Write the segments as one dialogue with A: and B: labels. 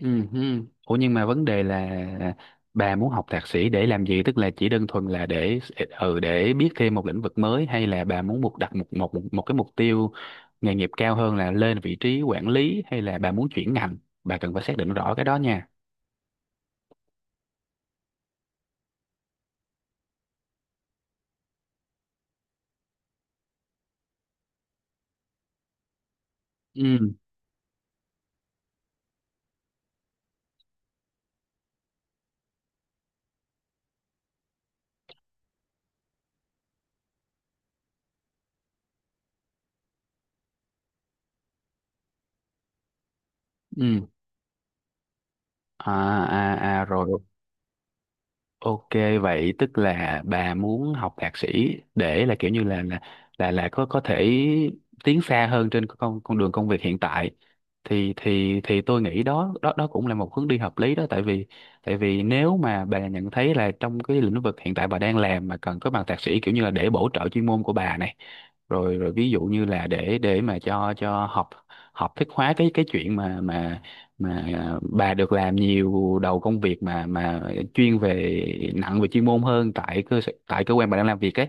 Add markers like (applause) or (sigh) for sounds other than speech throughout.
A: Ừ. Ừ. Ủa nhưng mà vấn đề là bà muốn học thạc sĩ để làm gì? Tức là chỉ đơn thuần là để để biết thêm một lĩnh vực mới, hay là bà muốn đặt một cái mục tiêu nghề nghiệp cao hơn là lên vị trí quản lý, hay là bà muốn chuyển ngành? Bà cần phải xác định rõ cái đó nha. Ừ. Ừ. À à à rồi. Ok, vậy tức là bà muốn học thạc sĩ để là kiểu như là, là có thể tiến xa hơn trên con đường công việc hiện tại, thì tôi nghĩ đó đó đó cũng là một hướng đi hợp lý đó. Tại vì nếu mà bà nhận thấy là trong cái lĩnh vực hiện tại bà đang làm mà cần có bằng thạc sĩ, kiểu như là để bổ trợ chuyên môn của bà này, rồi rồi ví dụ như là để mà cho học học thức hóa cái chuyện mà bà được làm nhiều đầu công việc mà chuyên về, nặng về chuyên môn hơn tại tại cơ quan bà đang làm việc ấy,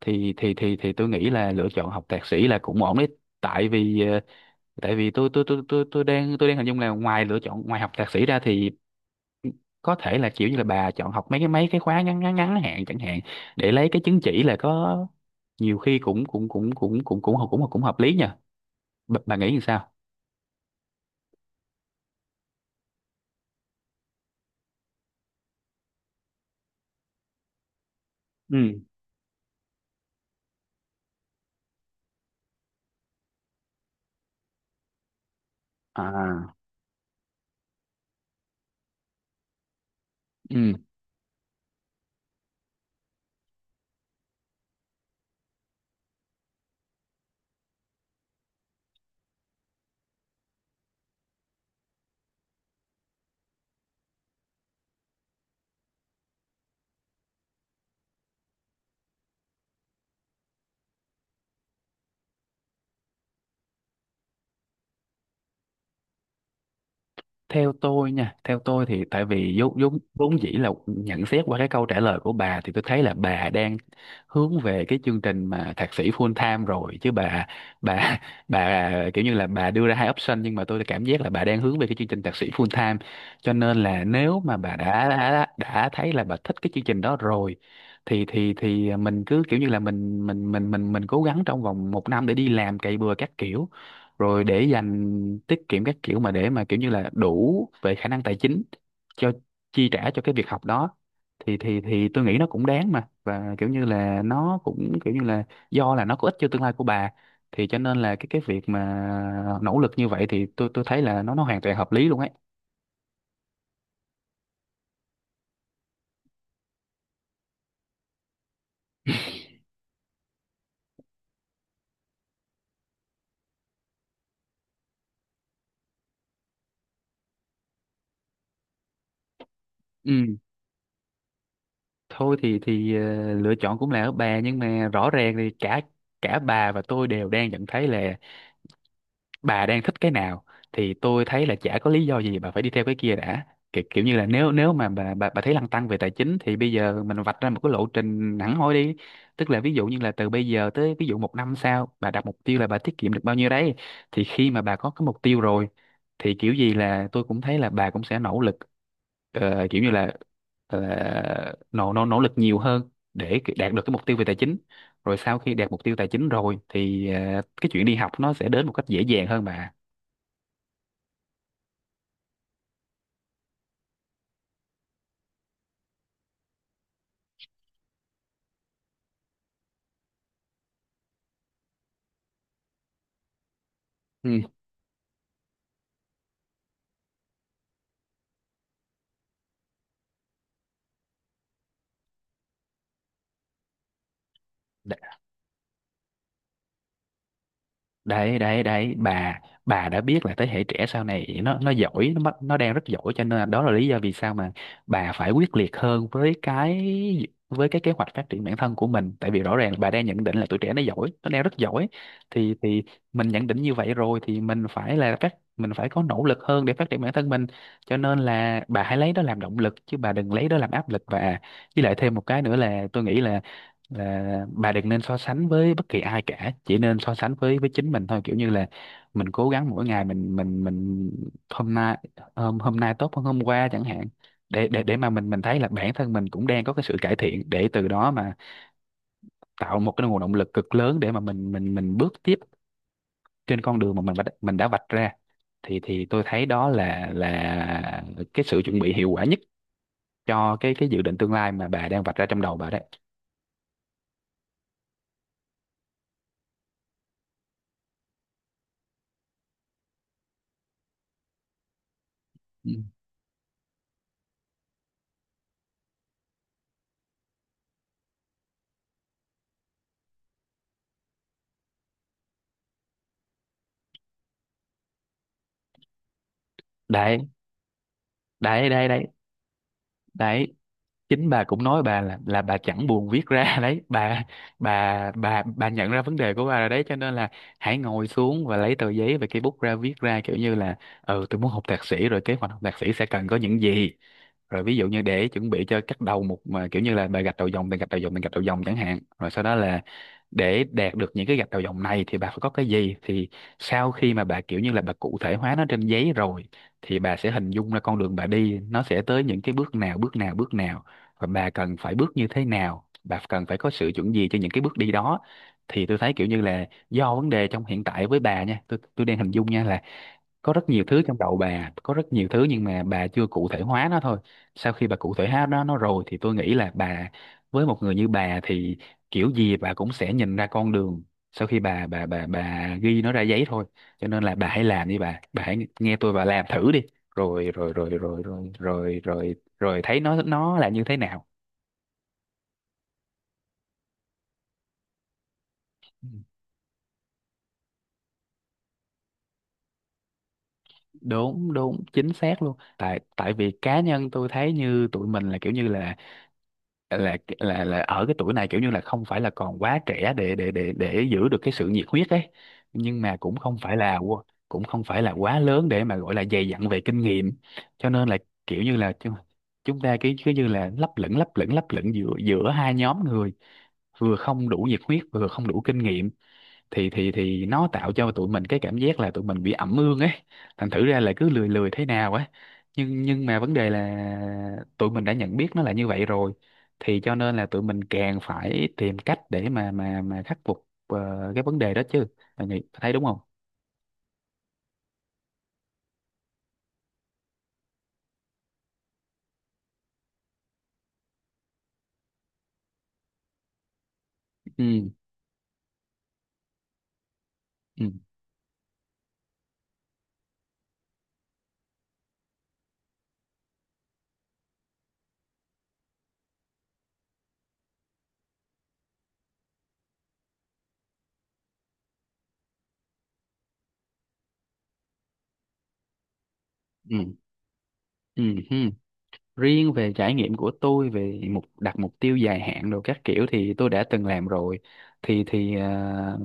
A: thì tôi nghĩ là lựa chọn học thạc sĩ là cũng ổn đấy. Tại vì tại vì tôi đang hình dung là ngoài lựa chọn, ngoài học thạc sĩ ra thì có thể là kiểu như là bà chọn học mấy cái khóa ngắn ngắn ngắn hạn chẳng hạn để lấy cái chứng chỉ, là có nhiều khi cũng cũng cũng cũng cũng cũng cũng cũng cũng hợp lý nha. Bà nghĩ như sao? Ừ. À. Ừ. Theo tôi nha, theo tôi thì tại vì vốn vốn vốn dĩ là nhận xét qua cái câu trả lời của bà, thì tôi thấy là bà đang hướng về cái chương trình mà thạc sĩ full time rồi chứ bà. Bà (laughs) bà kiểu như là bà đưa ra hai option, nhưng mà tôi cảm giác là bà đang hướng về cái chương trình thạc sĩ full time, cho nên là nếu mà bà đã thấy là bà thích cái chương trình đó rồi, thì mình cứ kiểu như là mình cố gắng trong vòng một năm để đi làm, cày bừa các kiểu, rồi để dành, tiết kiệm các kiểu mà, để mà kiểu như là đủ về khả năng tài chính cho, chi trả cho cái việc học đó, thì tôi nghĩ nó cũng đáng mà. Và kiểu như là nó cũng kiểu như là do là nó có ích cho tương lai của bà, thì cho nên là cái việc mà nỗ lực như vậy thì tôi thấy là nó hoàn toàn hợp lý luôn ấy. Ừ, thôi thì lựa chọn cũng là ở bà, nhưng mà rõ ràng thì cả cả bà và tôi đều đang nhận thấy là bà đang thích cái nào, thì tôi thấy là chả có lý do gì bà phải đi theo cái kia đã. Kiểu như là nếu nếu mà bà thấy lăn tăn về tài chính, thì bây giờ mình vạch ra một cái lộ trình hẳn hoi đi. Tức là ví dụ như là từ bây giờ tới ví dụ một năm sau, bà đặt mục tiêu là bà tiết kiệm được bao nhiêu đấy, thì khi mà bà có cái mục tiêu rồi thì kiểu gì là tôi cũng thấy là bà cũng sẽ nỗ lực kiểu như là ờ, nỗ nỗ nỗ lực nhiều hơn để đạt được cái mục tiêu về tài chính. Rồi sau khi đạt mục tiêu tài chính rồi thì cái chuyện đi học nó sẽ đến một cách dễ dàng hơn bà. Ừ. đấy đấy đấy bà, đã biết là thế hệ trẻ sau này nó giỏi, nó đang rất giỏi, cho nên là đó là lý do vì sao mà bà phải quyết liệt hơn với cái, với cái kế hoạch phát triển bản thân của mình. Tại vì rõ ràng là bà đang nhận định là tuổi trẻ nó giỏi, nó đang rất giỏi, thì mình nhận định như vậy rồi thì mình phải là mình phải có nỗ lực hơn để phát triển bản thân mình, cho nên là bà hãy lấy đó làm động lực chứ bà đừng lấy đó làm áp lực. Và với lại thêm một cái nữa là tôi nghĩ là bà đừng nên so sánh với bất kỳ ai cả, chỉ nên so sánh với chính mình thôi, kiểu như là mình cố gắng mỗi ngày, mình hôm nay hôm nay tốt hơn hôm qua chẳng hạn, để mà mình thấy là bản thân mình cũng đang có cái sự cải thiện, để từ đó mà tạo một cái nguồn động lực cực lớn để mà mình bước tiếp trên con đường mà mình đã vạch ra, thì tôi thấy đó là cái sự chuẩn bị hiệu quả nhất cho cái dự định tương lai mà bà đang vạch ra trong đầu bà đấy. Ừ. đấy đấy đấy đấy đấy, chính bà cũng nói bà là bà chẳng buồn viết ra. (laughs) Đấy bà, bà nhận ra vấn đề của bà rồi đấy, cho nên là hãy ngồi xuống và lấy tờ giấy và cây bút ra viết ra, kiểu như là ừ tôi muốn học thạc sĩ, rồi kế hoạch học thạc sĩ sẽ cần có những gì, rồi ví dụ như để chuẩn bị cho cắt đầu một, mà kiểu như là bà gạch đầu dòng chẳng hạn, rồi sau đó là để đạt được những cái gạch đầu dòng này thì bà phải có cái gì, thì sau khi mà bà kiểu như là bà cụ thể hóa nó trên giấy rồi thì bà sẽ hình dung ra con đường bà đi nó sẽ tới những cái bước nào, và bà cần phải bước như thế nào, bà cần phải có sự chuẩn gì cho những cái bước đi đó, thì tôi thấy kiểu như là do vấn đề trong hiện tại với bà nha, tôi đang hình dung nha là có rất nhiều thứ trong đầu bà, có rất nhiều thứ, nhưng mà bà chưa cụ thể hóa nó thôi. Sau khi bà cụ thể hóa nó rồi thì tôi nghĩ là với một người như bà thì kiểu gì bà cũng sẽ nhìn ra con đường sau khi bà ghi nó ra giấy thôi. Cho nên là bà hãy làm đi bà, hãy nghe tôi và làm thử đi, rồi rồi rồi rồi rồi rồi rồi rồi thấy nó là như thế nào. Ừ, đúng đúng chính xác luôn. Tại tại vì cá nhân tôi thấy như tụi mình là kiểu như là là ở cái tuổi này, kiểu như là không phải là còn quá trẻ để giữ được cái sự nhiệt huyết ấy, nhưng mà cũng không phải là cũng không phải là quá lớn để mà gọi là dày dặn về kinh nghiệm, cho nên là kiểu như là chúng chúng ta cứ cứ như là lấp lửng giữa giữa hai nhóm người, vừa không đủ nhiệt huyết vừa không đủ kinh nghiệm, thì nó tạo cho tụi mình cái cảm giác là tụi mình bị ẩm ương ấy, thành thử ra là cứ lười lười thế nào ấy. Nhưng mà vấn đề là tụi mình đã nhận biết nó là như vậy rồi, thì cho nên là tụi mình càng phải tìm cách để mà khắc phục cái vấn đề đó chứ. Bạn nghĩ thấy đúng không? Ừ ừ ừ ừ ừ. Riêng về trải nghiệm của tôi về mục đặt mục tiêu dài hạn đồ các kiểu thì tôi đã từng làm rồi, thì thì ờ,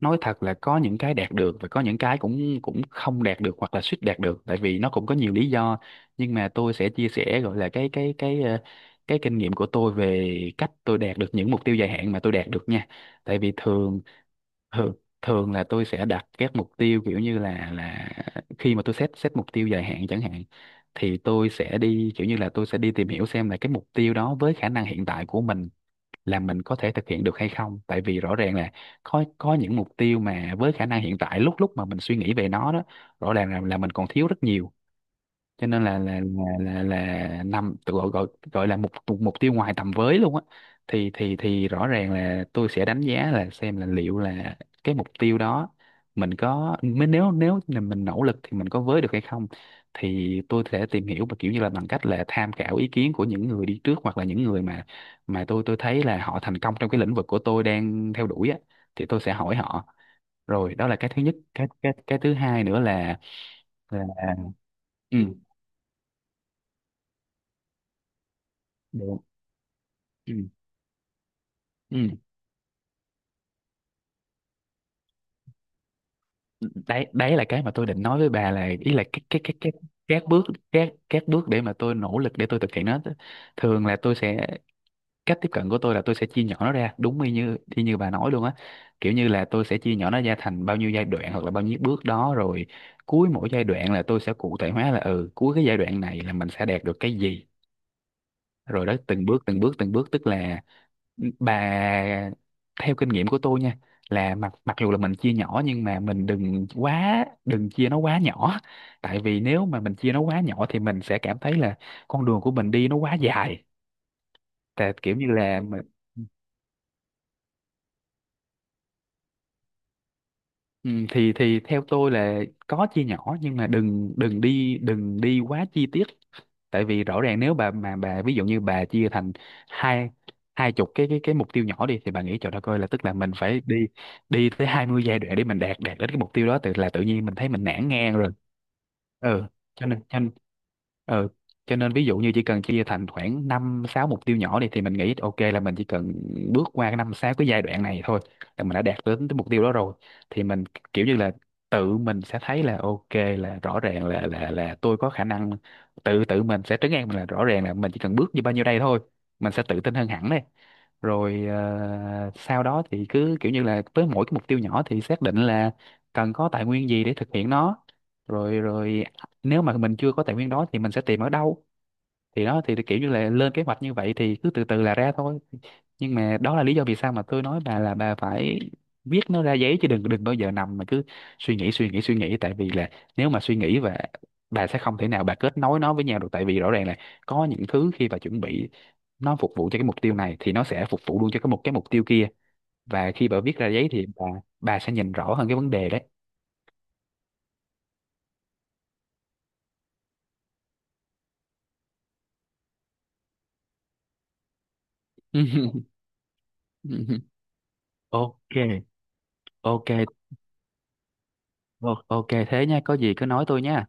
A: nói thật là có những cái đạt được và có những cái cũng cũng không đạt được hoặc là suýt đạt được, tại vì nó cũng có nhiều lý do. Nhưng mà tôi sẽ chia sẻ gọi là cái kinh nghiệm của tôi về cách tôi đạt được những mục tiêu dài hạn mà tôi đạt được nha. Tại vì thường thường thường là tôi sẽ đặt các mục tiêu kiểu như là khi mà tôi set set mục tiêu dài hạn chẳng hạn, thì tôi sẽ đi kiểu như là tôi sẽ đi tìm hiểu xem là cái mục tiêu đó với khả năng hiện tại của mình là mình có thể thực hiện được hay không. Tại vì rõ ràng là có những mục tiêu mà với khả năng hiện tại lúc lúc mà mình suy nghĩ về nó đó, rõ ràng là mình còn thiếu rất nhiều, cho nên là nằm tự gọi gọi gọi là mục mục mục tiêu ngoài tầm với luôn á. Thì rõ ràng là tôi sẽ đánh giá là xem là liệu là cái mục tiêu đó mình có mới nếu nếu là mình nỗ lực thì mình có với được hay không, thì tôi sẽ tìm hiểu và kiểu như là bằng cách là tham khảo ý kiến của những người đi trước hoặc là những người mà mà tôi thấy là họ thành công trong cái lĩnh vực của tôi đang theo đuổi á, thì tôi sẽ hỏi họ. Rồi đó là cái thứ nhất, cái thứ hai nữa là ừ, được. Ừ. Ừ, đấy đấy là cái mà tôi định nói với bà, là ý là các bước các bước để mà tôi nỗ lực để tôi thực hiện nó. Thường là tôi sẽ, cách tiếp cận của tôi là tôi sẽ chia nhỏ nó ra đúng y như bà nói luôn á, kiểu như là tôi sẽ chia nhỏ nó ra thành bao nhiêu giai đoạn hoặc là bao nhiêu bước đó, rồi cuối mỗi giai đoạn là tôi sẽ cụ thể hóa là ừ, cuối cái giai đoạn này là mình sẽ đạt được cái gì, rồi đó từng bước từng bước tức là bà, theo kinh nghiệm của tôi nha, là mặc mặc dù là mình chia nhỏ nhưng mà mình đừng quá, đừng chia nó quá nhỏ. Tại vì nếu mà mình chia nó quá nhỏ thì mình sẽ cảm thấy là con đường của mình đi nó quá dài, tại kiểu như là mình- ừ, thì theo tôi là có chia nhỏ nhưng mà đừng đừng đi đừng đi quá chi tiết. Tại vì rõ ràng nếu bà mà bà ví dụ như bà chia thành hai 20 cái mục tiêu nhỏ đi, thì bà nghĩ trời đất ơi, là tức là mình phải đi đi tới 20 giai đoạn để mình đạt đạt đến cái mục tiêu đó, tự là tự nhiên mình thấy mình nản ngang rồi. Ừ, cho nên cho nên, ừ, cho nên ví dụ như chỉ cần chia thành khoảng năm sáu mục tiêu nhỏ đi, thì mình nghĩ ok là mình chỉ cần bước qua cái năm sáu cái giai đoạn này thôi là mình đã đạt đến cái mục tiêu đó rồi. Thì mình kiểu như là tự mình sẽ thấy là ok, là rõ ràng là tôi có khả năng, tự tự mình sẽ trấn an mình là rõ ràng là mình chỉ cần bước như bao nhiêu đây thôi, mình sẽ tự tin hơn hẳn đấy. Rồi sau đó thì cứ kiểu như là với mỗi cái mục tiêu nhỏ thì xác định là cần có tài nguyên gì để thực hiện nó, rồi rồi à, nếu mà mình chưa có tài nguyên đó thì mình sẽ tìm ở đâu, thì đó thì kiểu như là lên kế hoạch như vậy thì cứ từ từ là ra thôi. Nhưng mà đó là lý do vì sao mà tôi nói bà là bà phải viết nó ra giấy, chứ đừng đừng bao giờ nằm mà cứ suy nghĩ, tại vì là nếu mà suy nghĩ và bà sẽ không thể nào bà kết nối nó với nhau được. Tại vì rõ ràng là có những thứ khi bà chuẩn bị nó phục vụ cho cái mục tiêu này thì nó sẽ phục vụ luôn cho một cái mục tiêu kia, và khi bà viết ra giấy thì bà sẽ nhìn rõ hơn cái vấn đề đấy. (laughs) Ok. Ok. Ok thế nha, có gì cứ nói tôi nha.